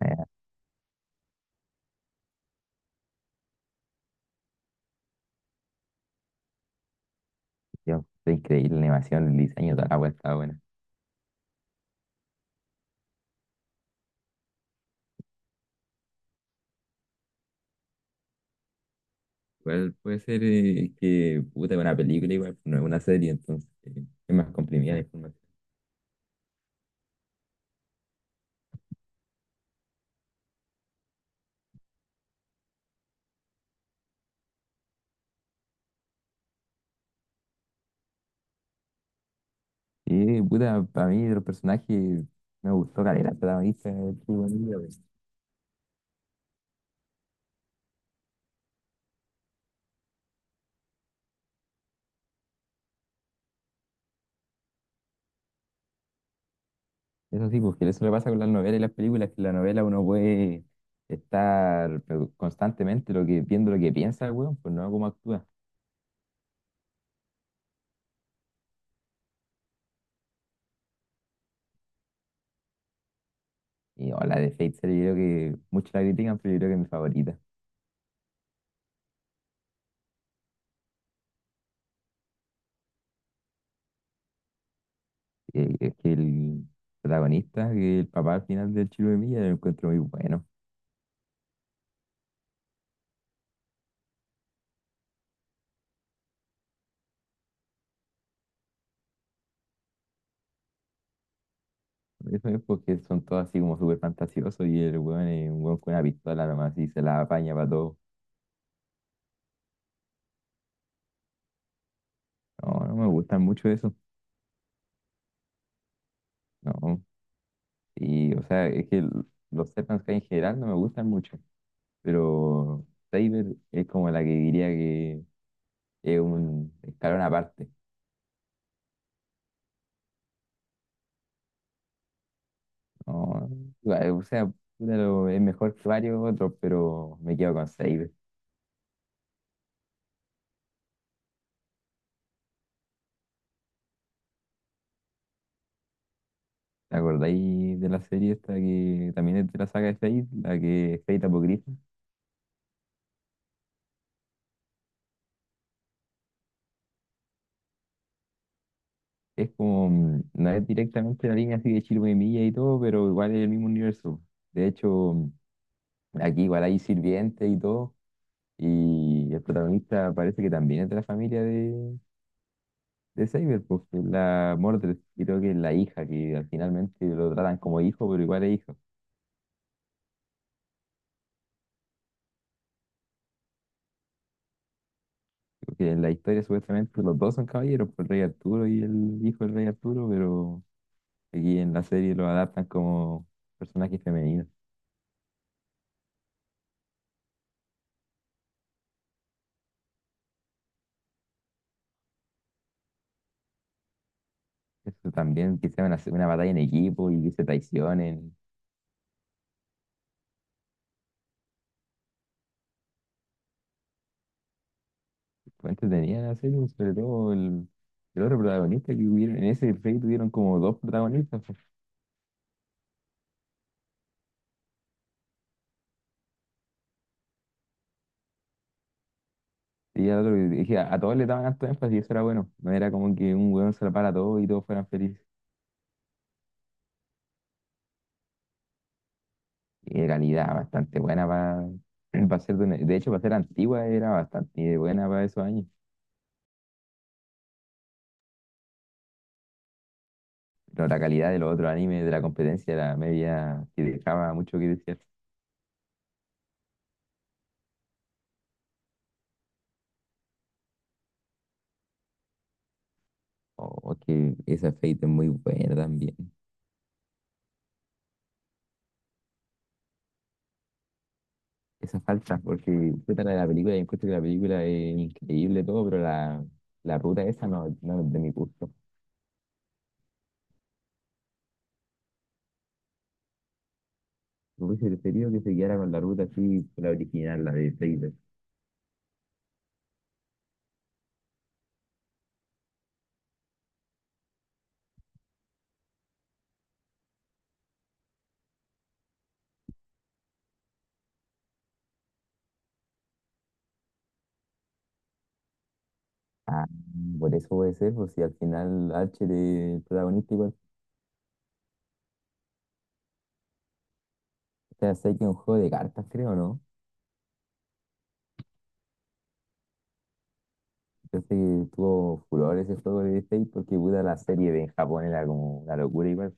Eh, fue increíble la animación, el diseño, toda la wea estaba buena. Igual puede ser que puta, es una película, igual no es una serie, entonces es más comprimida la información. Y, puta, para mí de los personajes me gustó caleta, el protagonista, el chico bonito, pues. Eso sí, porque eso le pasa con las novelas y las películas, que en la novela uno puede estar constantemente viendo lo que piensa el weón, pues no cómo actúa. O la de Fate Zero, yo creo que muchos la critican, pero yo creo que es mi favorita. Es que el protagonista, que el papá al final del Chilo de Milla, lo encuentro muy bueno. Eso es porque son todos así como súper fantasiosos y el weón es un weón con una pistola nomás y se la apaña para todo. No, no me gustan mucho eso. No. Y, o sea, los Serpents Kai en general no me gustan mucho, pero Saber es como la que diría que es un escalón aparte. No, igual, o sea, puta, es mejor que varios otros, pero me quedo con Saber. ¿Te acordáis de la serie esta que también es de la saga de Fate, la que es Fate Apocrypha? Es como, no es directamente la línea así de Chirú y Milla y todo, pero igual es el mismo universo. De hecho, aquí igual hay sirvientes y todo, y el protagonista parece que también es de la familia de Saber, pues que es la Mordred, creo que es la hija, que al finalmente lo tratan como hijo, pero igual es hijo. Porque en la historia supuestamente los dos son caballeros, pues, el rey Arturo y el hijo del rey Arturo, pero... Aquí en la serie lo adaptan como personajes femeninos. Eso también, que sea una batalla en equipo y que se traicionen. Fue entretenida la serie, sobre todo el otro protagonista que hubieron. En ese play tuvieron como dos protagonistas, pues. Y al otro, dije, a todos les daban alto énfasis y eso era bueno. No era como que un weón se la para todo y todos fueran felices. Y de calidad bastante buena para de hecho, para ser antigua era bastante buena para esos años. Pero la calidad de los otros animes de la competencia era media que dejaba mucho que desear. Oh, que esa Fate es muy buena también. Esa falta, porque puta la de la película, yo encuentro que la película es increíble todo, pero la ruta esa no, no es de mi gusto. Me hubiese preferido que se quedara con la ruta así, la original, la de Fate. Ah, por eso puede ser, pues si al final H de protagonista igual. O sea, sé que es un juego de cartas, creo, ¿no? Yo sé que tuvo furor ese juego de Fate porque puta la serie de en Japón era como una locura igual.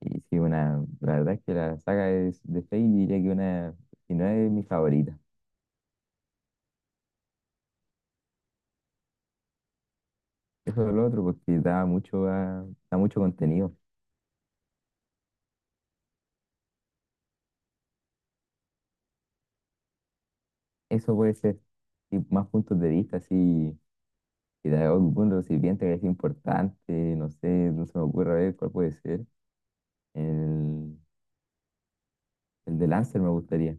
Y sí, la verdad es que la saga es de Fate diría que una, si no es mi favorita. Eso es lo otro, porque da mucho, da mucho contenido. Eso puede ser y más puntos de vista, así, y de algún recipiente que es importante, no sé, no se me ocurre a ver cuál puede ser. El, el de Lancer me gustaría.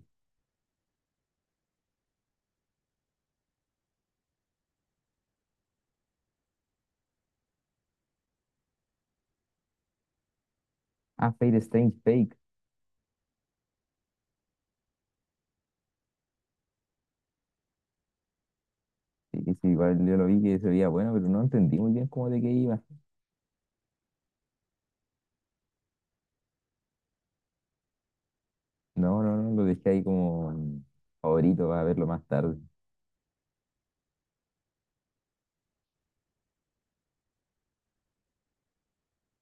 Ah, Fate Strange Fake. Sí, sí, igual yo lo vi que se veía bueno, pero no entendí muy bien cómo de qué iba. No, no, no, lo dejé ahí como favorito para verlo más tarde.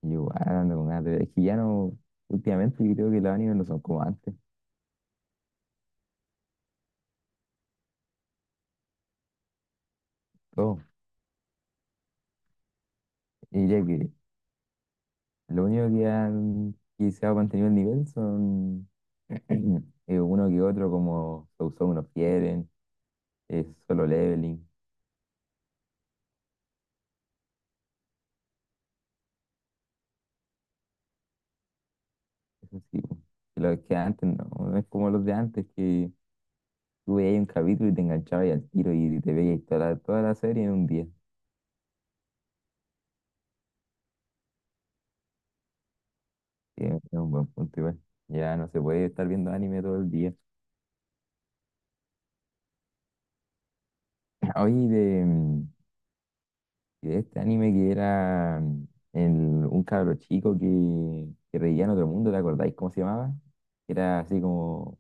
Y igual ando con ganas de ver. Es que ya no, últimamente yo creo que los animes no son como antes. Todo. Y diría que lo único que han quizá se ha mantenido el nivel son uno que otro como Sousou no quieren, Solo Leveling, eso sí, po. Y los que antes no, no es como los de antes que tú veías un capítulo y te enganchabas y al tiro y te veías toda toda la serie en un día. Que es un buen punto igual. Ya no se puede estar viendo anime todo el día. hoy de, y de este anime que era un cabro chico que reía en otro mundo, ¿te acordáis cómo se llamaba? Era así como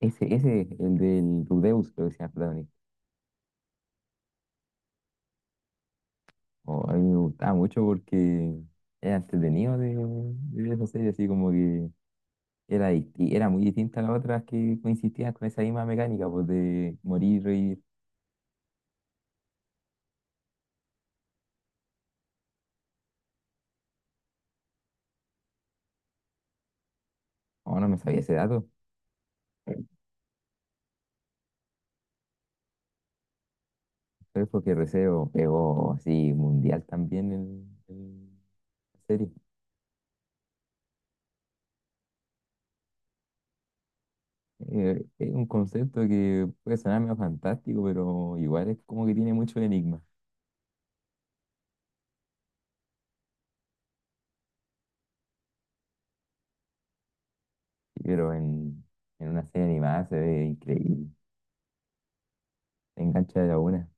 ese, el del Rudeus, creo que se llama el protagonista. O a mí me gustaba mucho porque era entretenido de ver esa serie, así como que era, era muy distinta a las otras que coincidían con esa misma mecánica, pues de morir, reír. No, no me sabía ese dato. Pero es porque Receo pegó así mundial también en la serie. Es un concepto que puede sonar medio fantástico, pero igual es como que tiene mucho enigma. Pero en una serie animada se ve increíble, te engancha de la una.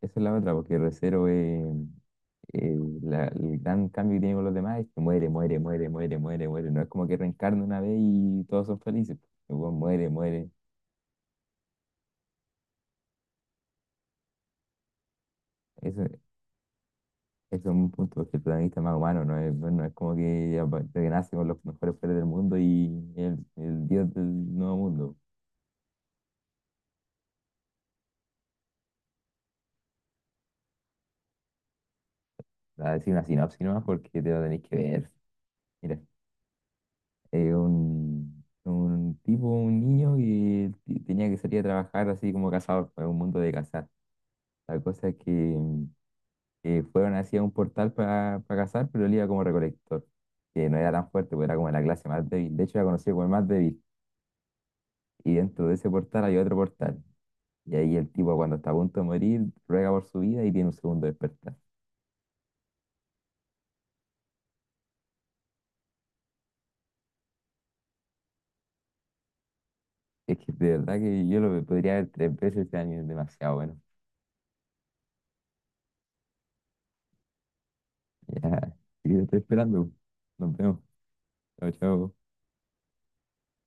Esa es la otra, porque Re:Zero es eh, el gran cambio que tiene con los demás es que muere, muere, muere, muere, muere, muere. No es como que reencarna una vez y todos son felices. El weón muere, muere. Eso es un punto, porque el protagonista es más humano, no es como que que nace con los mejores poderes del mundo y el dios del nuevo mundo. Voy a decir una sinopsis nomás porque te lo tenéis que ver. Mira, un tipo, un niño que tenía que salir a trabajar así como cazador, fue un mundo de cazar. La cosa es que, que fueron hacia un portal para cazar, pero él iba como recolector, que no era tan fuerte, porque era como la clase más débil. De hecho, era conocido como el más débil. Y dentro de ese portal hay otro portal. Y ahí el tipo, cuando está a punto de morir, ruega por su vida y tiene un segundo despertar. Es que de verdad que yo lo podría ver tres veces este año, es demasiado bueno. Ya, y te estoy esperando. Nos vemos. Chao, chao.